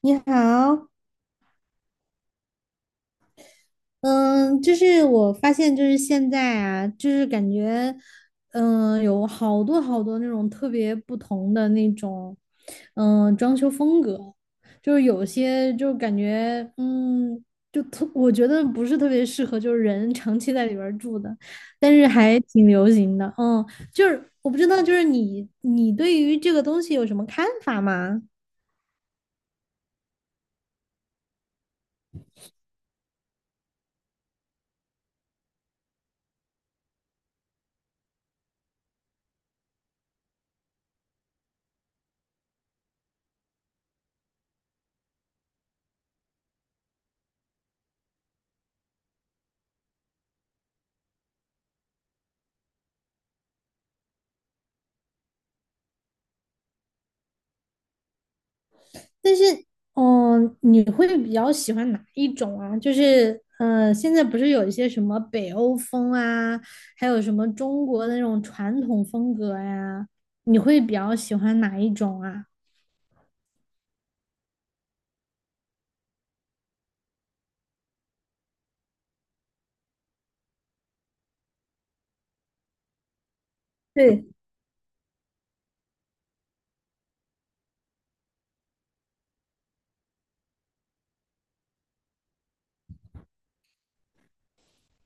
你好。嗯，就是我发现，就是现在啊，就是感觉，有好多那种特别不同的那种，装修风格。就是有些就感觉，我觉得不是特别适合，就是人长期在里边儿住的，但是还挺流行的。嗯，就是我不知道，就是你对于这个东西有什么看法吗？但是，你会比较喜欢哪一种啊？就是，现在不是有一些什么北欧风啊，还有什么中国的那种传统风格呀、你会比较喜欢哪一种啊？对。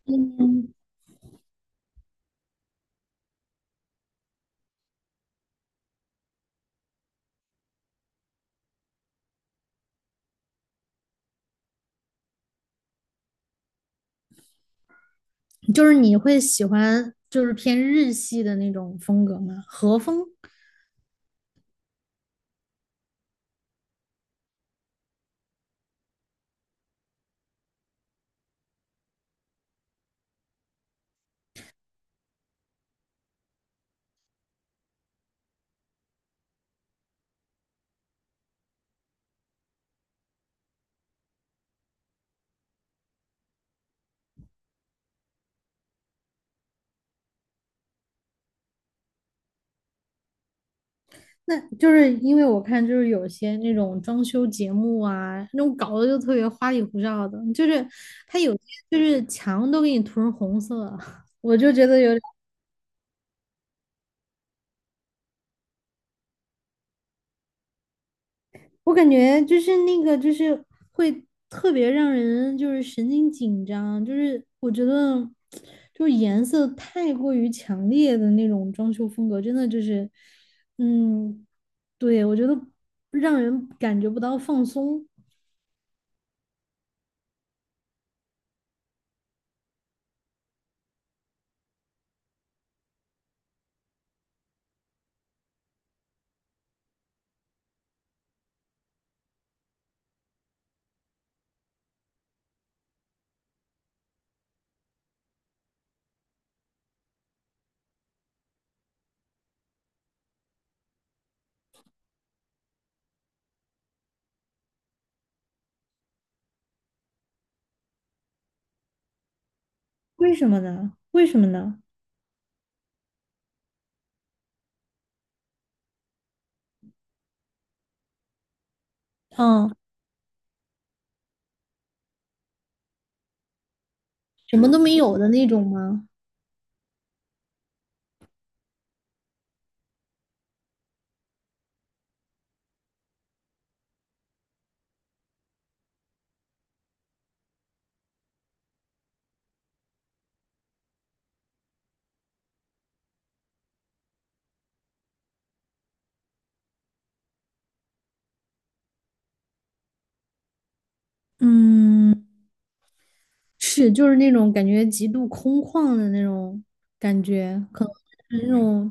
嗯，就是你会喜欢就是偏日系的那种风格吗？和风？那就是因为我看，就是有些那种装修节目啊，那种搞的就特别花里胡哨的，就是它有些就是墙都给你涂成红色，我就觉得有点。我感觉就是那个就是会特别让人就是神经紧张，就是我觉得就是颜色太过于强烈的那种装修风格，真的就是，嗯，对，我觉得让人感觉不到放松。为什么呢？为什么呢？嗯。什么都没有的那种吗？嗯，是，就是那种感觉极度空旷的那种感觉，可能是那种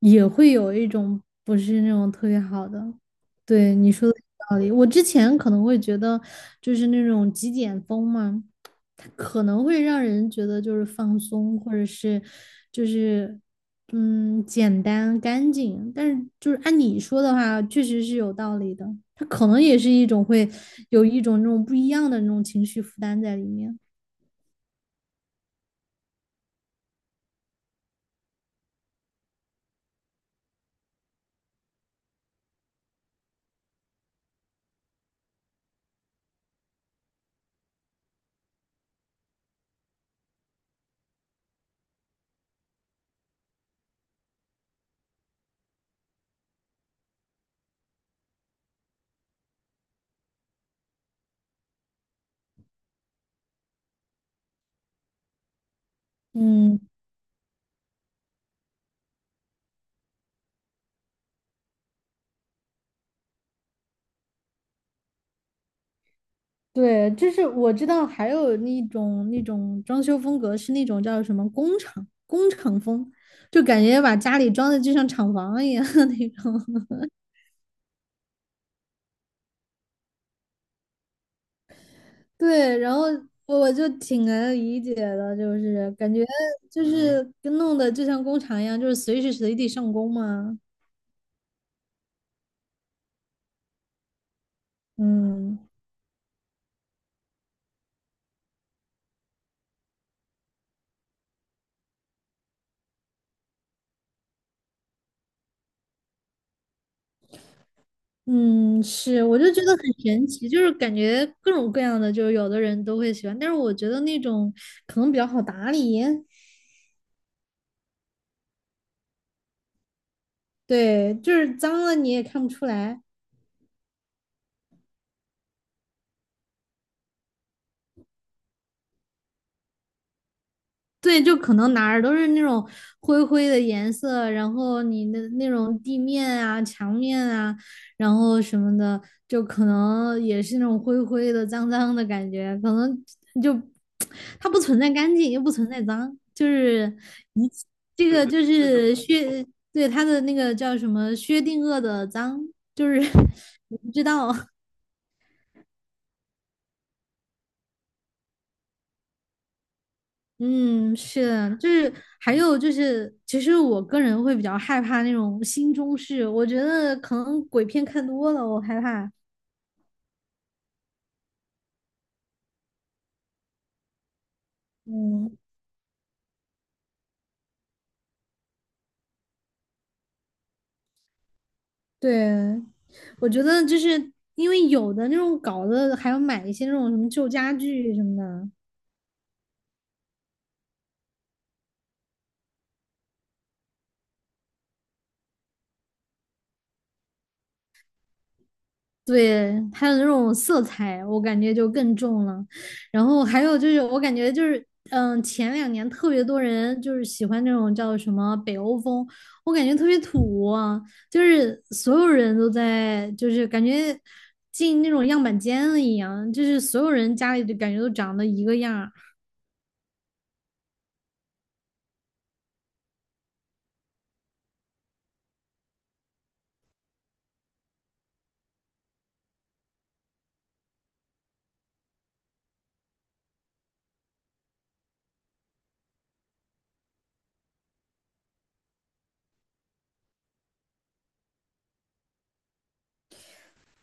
也会有一种不是那种特别好的。对，你说的有道理。我之前可能会觉得就是那种极简风嘛，它可能会让人觉得就是放松，或者是就是嗯简单干净，但是就是按你说的话，确实是有道理的，它可能也是一种会有一种那种不一样的那种情绪负担在里面。嗯，对，就是我知道还有那种那种装修风格是那种叫什么工厂风，就感觉把家里装的就像厂房一样 那种。对，然后我就挺能理解的，就是感觉就是跟弄的就像工厂一样，就是随时随地上工嘛。嗯。嗯，是，我就觉得很神奇，就是感觉各种各样的，就是有的人都会喜欢，但是我觉得那种可能比较好打理。对，就是脏了你也看不出来。对，就可能哪儿都是那种灰灰的颜色，然后你的那种地面啊、墙面啊，然后什么的，就可能也是那种灰灰的、脏脏的感觉。可能就它不存在干净，又不存在脏，就是一起。这个就是对，它的那个叫什么薛定谔的脏，就是 你不知道。嗯，是的。就是还有就是，其实我个人会比较害怕那种新中式，我觉得可能鬼片看多了，我害怕。嗯，对，我觉得就是因为有的那种搞的，还要买一些那种什么旧家具什么的。对，它的那种色彩，我感觉就更重了。然后还有就是，我感觉就是，前两年特别多人就是喜欢那种叫什么北欧风，我感觉特别土啊，就是所有人都在，就是感觉进那种样板间了一样，就是所有人家里就感觉都长得一个样儿。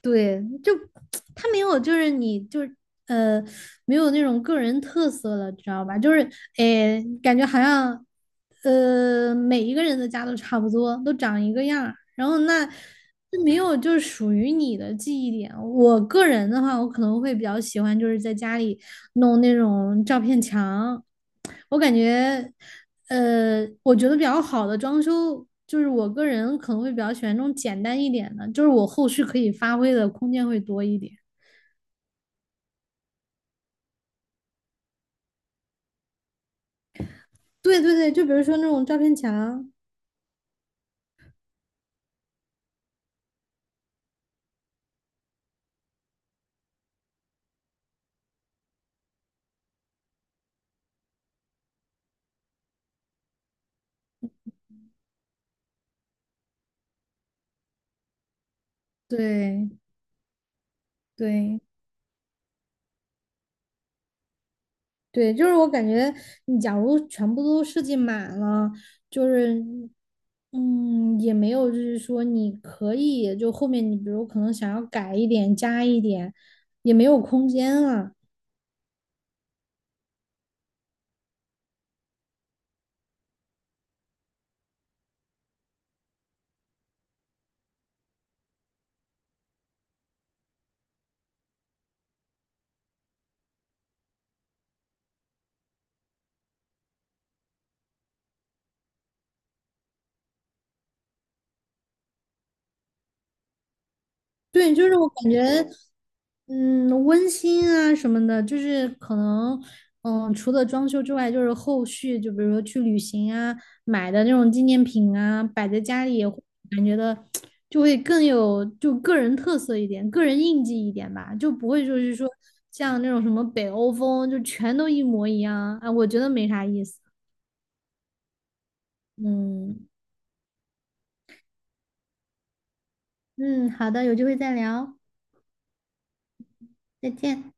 对，就 他没有，就是呃，没有那种个人特色了，知道吧？就是诶，感觉好像，每一个人的家都差不多，都长一个样儿，然后那就没有就是属于你的记忆点。我个人的话，我可能会比较喜欢就是在家里，弄那种照片墙。我感觉，我觉得比较好的装修，就是我个人可能会比较喜欢那种简单一点的，就是我后续可以发挥的空间会多一点。对对对，就比如说那种照片墙。对对对，就是我感觉你假如全部都设计满了，就是嗯，也没有就是说你可以就后面你比如可能想要改一点加一点，也没有空间了。对，就是我感觉，嗯，温馨啊什么的，就是可能，除了装修之外，就是后续就比如说去旅行啊，买的那种纪念品啊，摆在家里，感觉的就会更有就个人特色一点，个人印记一点吧，就不会就是说像那种什么北欧风，就全都一模一样啊，我觉得没啥意思。嗯。嗯，好的，有机会再聊。再见。